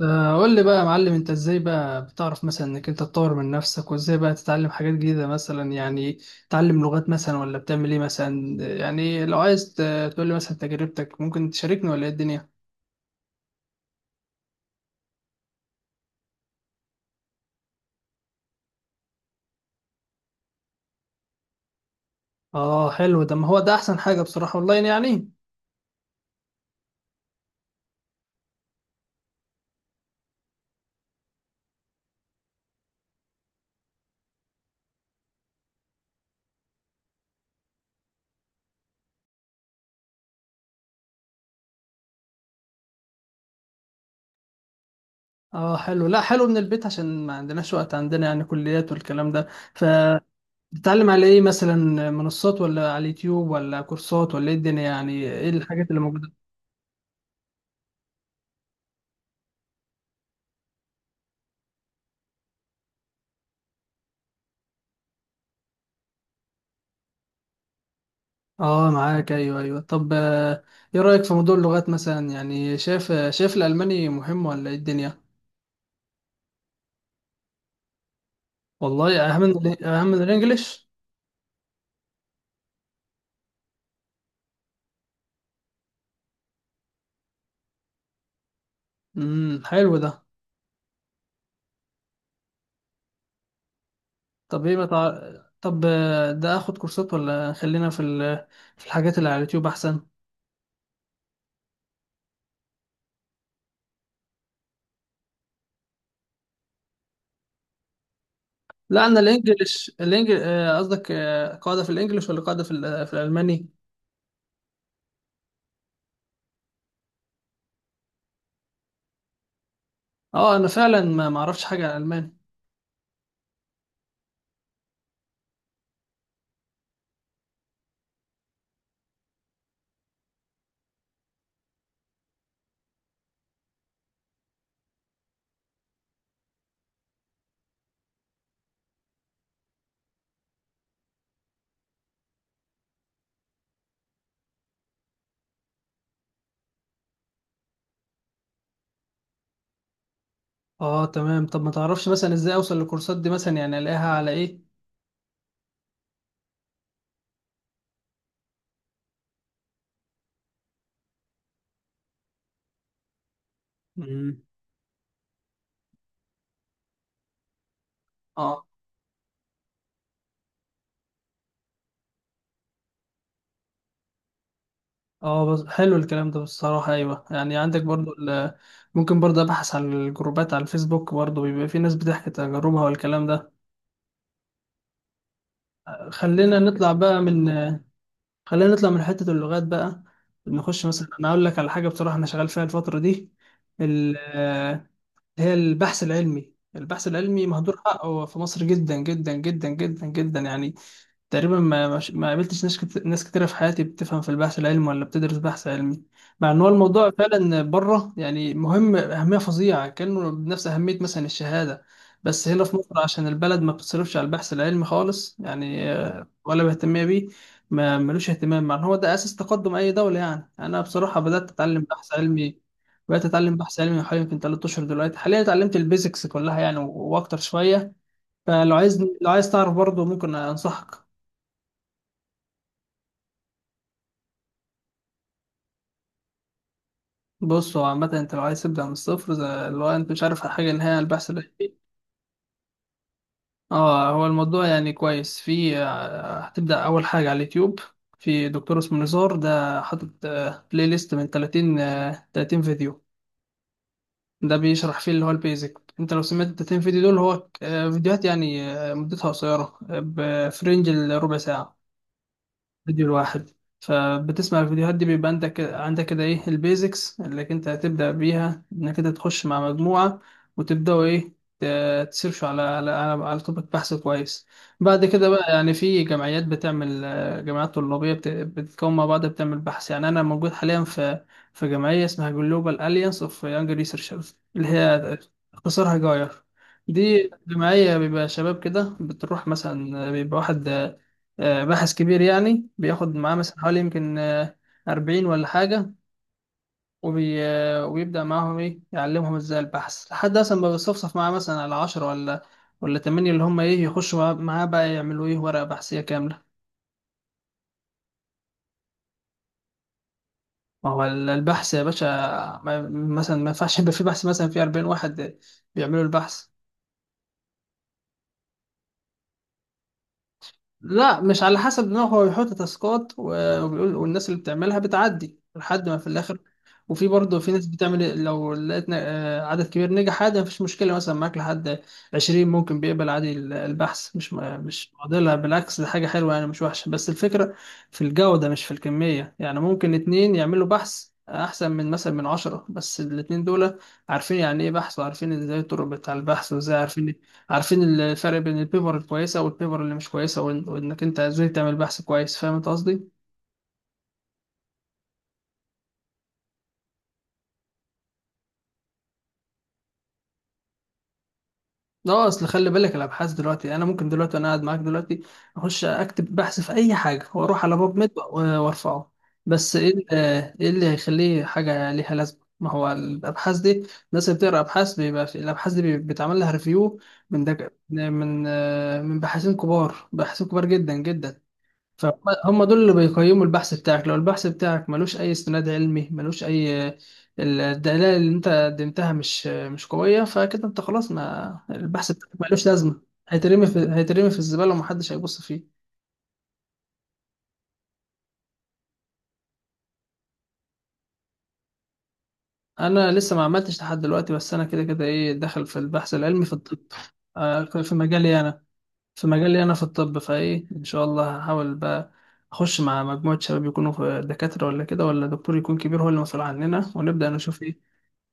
قول لي بقى يا معلم، انت ازاي بقى بتعرف مثلا انك انت تطور من نفسك، وازاي بقى تتعلم حاجات جديدة مثلا يعني؟ تتعلم لغات مثلا، ولا بتعمل ايه مثلا يعني؟ لو عايز تقول لي مثلا تجربتك، ممكن تشاركني ولا ايه الدنيا؟ اه حلو ده، ما هو ده احسن حاجة بصراحة، اونلاين يعني. اه حلو، لا حلو من البيت عشان ما عندناش وقت، عندنا يعني كليات والكلام ده. فتتعلم على ايه؟ مثلا منصات، ولا على اليوتيوب، ولا كورسات، ولا ايه الدنيا يعني؟ ايه الحاجات اللي موجودة؟ اه معاك، ايوه ايوه. طب ايه رأيك في موضوع اللغات مثلا يعني؟ شايف الألماني مهم، ولا ايه الدنيا؟ والله اهم من الانجليش حلو ده. طب ايه بتاع. طب ده اخد كورسات، ولا خلينا في في الحاجات اللي على اليوتيوب احسن؟ لا انا الانجليش الانجليش. قصدك قاعدة في الانجليش، ولا قاعدة في في الألماني؟ اه انا فعلا ما اعرفش حاجة عن الألماني. اه تمام. طب ما تعرفش مثلا ازاي اوصل للكورسات دي مثلا يعني؟ الاقيها على ايه؟ امم. اه. اه بس حلو الكلام ده بصراحة، ايوه. يعني عندك برضو ال-. ممكن برضو ابحث عن الجروبات على الفيسبوك برضو، بيبقى في ناس بتحكي تجاربها والكلام ده. خلينا نطلع بقى من خلينا نطلع من حتة اللغات بقى. نخش مثلا، انا اقول لك على حاجة بصراحة انا شغال فيها الفترة دي. ال- آه، اللي هي البحث العلمي. البحث العلمي مهدور حقه في مصر جدا جدا جدا جدا جدا يعني. تقريبا ما قابلتش ناس كتيرة في حياتي بتفهم في البحث العلمي ولا بتدرس بحث علمي، مع ان هو الموضوع فعلا بره يعني مهم اهمية فظيعة، كانه بنفس اهمية مثلا الشهادة. بس هنا في مصر عشان البلد ما بتصرفش على البحث العلمي خالص، يعني ولا مهتمية بيه. ما ملوش اهتمام، مع ان هو ده اساس تقدم اي دولة. يعني انا بصراحة بدأت اتعلم بحث علمي. من حوالي يمكن 3 اشهر. دلوقتي حاليا اتعلمت البيزكس كلها يعني واكتر شوية. فلو عايز لو عايز تعرف برضه ممكن انصحك. بص هو عامة انت لو عايز تبدأ من الصفر، زي اللي هو انت مش عارف حاجة نهائي عن البحث العلمي. اه هو الموضوع يعني كويس. في آه، هتبدأ أول حاجة على اليوتيوب، في دكتور اسمه نزار ده حاطط بلاي ليست من 30 فيديو. ده بيشرح فيه اللي هو البيزك. انت لو سمعت ال 30 فيديو دول، هو فيديوهات يعني مدتها قصيرة، في رينج الربع ساعة فيديو الواحد. فبتسمع الفيديوهات دي بيبقى عندك كده ايه البيزكس اللي انت هتبدأ بيها، انك انت تخش مع مجموعة وتبدأوا ايه؟ تسيرشوا على على توبيك بحث كويس. بعد كده بقى يعني، في جمعيات بتعمل جمعيات طلابية بتتكون مع بعض بتعمل بحث. يعني انا موجود حاليا في جمعية اسمها Global Alliance of Young Researchers، اللي هي اختصارها جاير. دي جمعية بيبقى شباب كده بتروح، مثلا بيبقى واحد باحث كبير، يعني بياخد معاه مثلا حوالي يمكن 40 ولا حاجة، وبيبدأ معاهم إيه، يعلمهم إزاي البحث، لحد أصلا ما بيصفصف معاه مثلا على 10 ولا تمانية، اللي هم إيه، يخشوا معاه بقى يعملوا إيه ورقة بحثية كاملة. ما هو البحث يا باشا، ما... مثلا ما ينفعش يبقى في بحث مثلا في 40 واحد بيعملوا البحث. لا مش على حسب، ان هو بيحط تاسكات وبيقول، والناس اللي بتعملها بتعدي لحد ما في الاخر. وفي برضه في ناس بتعمل إيه، لو لقيت عدد كبير نجح عادي مفيش مشكله مثلا معاك لحد 20 ممكن بيقبل عادي. البحث مش مش معضله، بالعكس دي حاجه حلوه يعني مش وحشه. بس الفكره في الجوده مش في الكميه يعني. ممكن اتنين يعملوا بحث احسن من مثلا من 10، بس الاتنين دول عارفين يعني ايه بحث، وعارفين ازاي الطرق بتاع البحث، وازاي عارفين عارفين الفرق بين البيبر الكويسة والبيبر اللي مش كويسة، وإنك أنت إزاي تعمل بحث كويس. فاهم أنت قصدي؟ لا أصل خلي بالك، الأبحاث دلوقتي أنا ممكن دلوقتي وأنا قاعد معاك دلوقتي أخش أكتب بحث في أي حاجة، وأروح على باب ميد وأرفعه. بس إيه ال-، إيه اللي هيخليه حاجة ليها لازمة؟ ما هو الأبحاث دي، الناس اللي بتقرأ أبحاث، بيبقى في الأبحاث دي بيتعمل لها ريفيو من دك... من آه، من باحثين كبار، باحثين كبار جدا جدا. فهم دول اللي بيقيموا البحث بتاعك. لو البحث بتاعك ملوش اي استناد علمي، ملوش اي، الدلائل اللي انت قدمتها مش قويه، فكده انت خلاص، ما البحث بتاعك ملوش لازمه، هيترمي في الزباله ومحدش هيبص فيه. انا لسه ما عملتش لحد دلوقتي، بس انا كده كده ايه داخل في البحث العلمي في الطب، في مجالي انا، في الطب، فايه ان شاء الله هحاول بقى اخش مع مجموعه شباب يكونوا في دكاتره، ولا كده، ولا دكتور يكون كبير هو اللي مسؤول عننا، ونبدا نشوف ايه،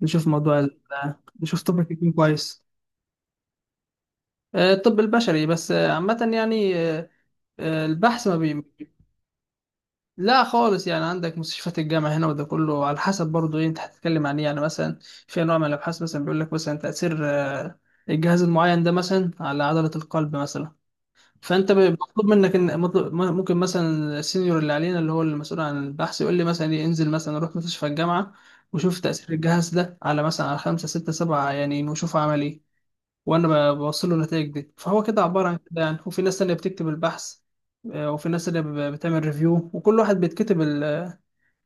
نشوف موضوع ال- نشوف توبيك يكون كويس. الطب البشري، بس عامة يعني. البحث ما بي. لا خالص، يعني عندك مستشفيات الجامعة هنا، وده كله على حسب برضه ايه انت هتتكلم عن ايه يعني. مثلا في انواع من الابحاث مثلا، بيقول لك مثلا تأثير الجهاز المعين ده مثلا على عضلة القلب مثلا. فانت مطلوب منك ان ممكن مثلا السينيور اللي علينا اللي هو المسؤول عن البحث، يقول لي مثلا إيه، انزل مثلا روح مستشفى الجامعة وشوف تأثير الجهاز ده على مثلا على خمسة ستة سبعة يعني، وشوف عمل ايه، وانا بوصل له النتائج دي، فهو كده عباره عن كده يعني. وفي ناس تانية بتكتب البحث، وفي ناس اللي بتعمل ريفيو، وكل واحد بيتكتب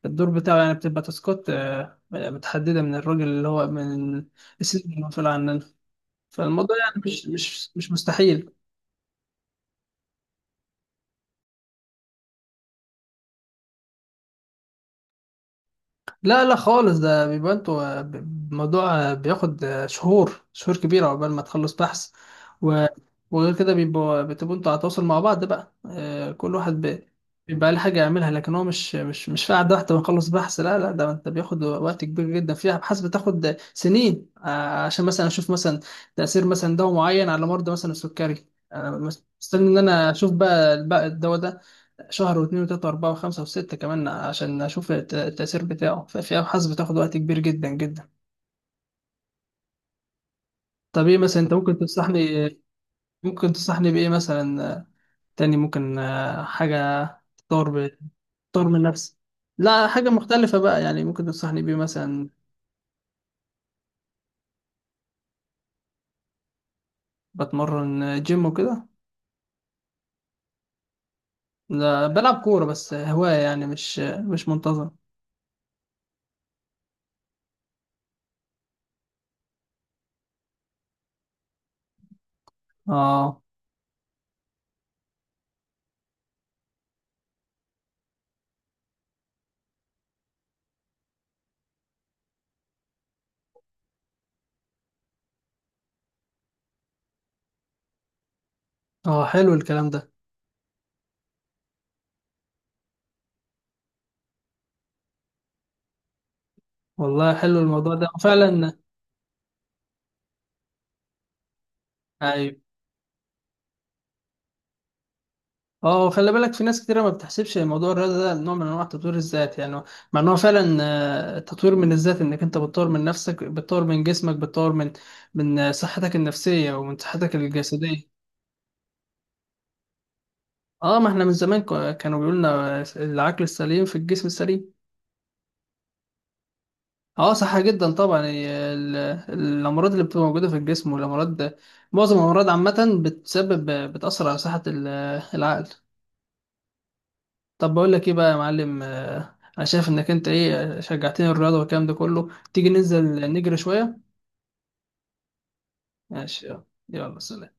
الدور بتاعه، يعني بتبقى تاسكات متحدده من الراجل اللي هو من السيزون المسؤول عننا. فالموضوع يعني مش مستحيل. لا لا خالص، ده بيبقى انتوا ب-. الموضوع بياخد شهور، شهور كبيرة عقبال ما تخلص بحث، و... وغير كده بتبقوا انتوا على تواصل مع بعض بقى، كل واحد بيبقى له حاجة يعملها، لكن هو مش في قعدة واحدة بنخلص بحث. لا لا، ده انت بياخد وقت كبير جدا. في أبحاث بتاخد سنين عشان مثلا أشوف مثلا تأثير مثلا دواء معين على مرضى مثلا السكري. أنا مستني إن أنا أشوف بقى الدواء ده شهر، واثنين، وثلاثة، وأربعة، وخمسة، وستة كمان، عشان أشوف التأثير بتاعه. ففي أبحاث بتاخد وقت كبير جدا جدا. طب إيه مثلا أنت ممكن تنصحني إيه؟ ممكن تنصحني بإيه مثلا تاني؟ ممكن حاجة تطور تطور من نفسي. لا حاجة مختلفة بقى يعني، ممكن تنصحني بإيه مثلا؟ بتمرن جيم وكده. لا بلعب كورة بس هواية يعني، مش مش منتظم. اه. اه حلو الكلام ده. والله حلو الموضوع ده فعلا. ايوه. اه خلي بالك، في ناس كتيرة ما بتحسبش موضوع الرياضة ده نوع من انواع تطوير الذات يعني، مع ان هو فعلا تطوير من الذات، انك انت بتطور من نفسك، بتطور من جسمك، بتطور من صحتك النفسية ومن صحتك الجسدية. اه ما احنا من زمان كانوا بيقولوا لنا: العقل السليم في الجسم السليم. اه صح جدا طبعا. هي الامراض اللي بتبقى موجودة في الجسم، معظم الامراض عامة بتأثر على صحة العقل. طب بقول لك ايه بقى يا معلم، انا شايف انك انت ايه شجعتني، الرياضه والكلام ده كله، تيجي ننزل نجري شويه؟ ماشي يلا. يلا سلام.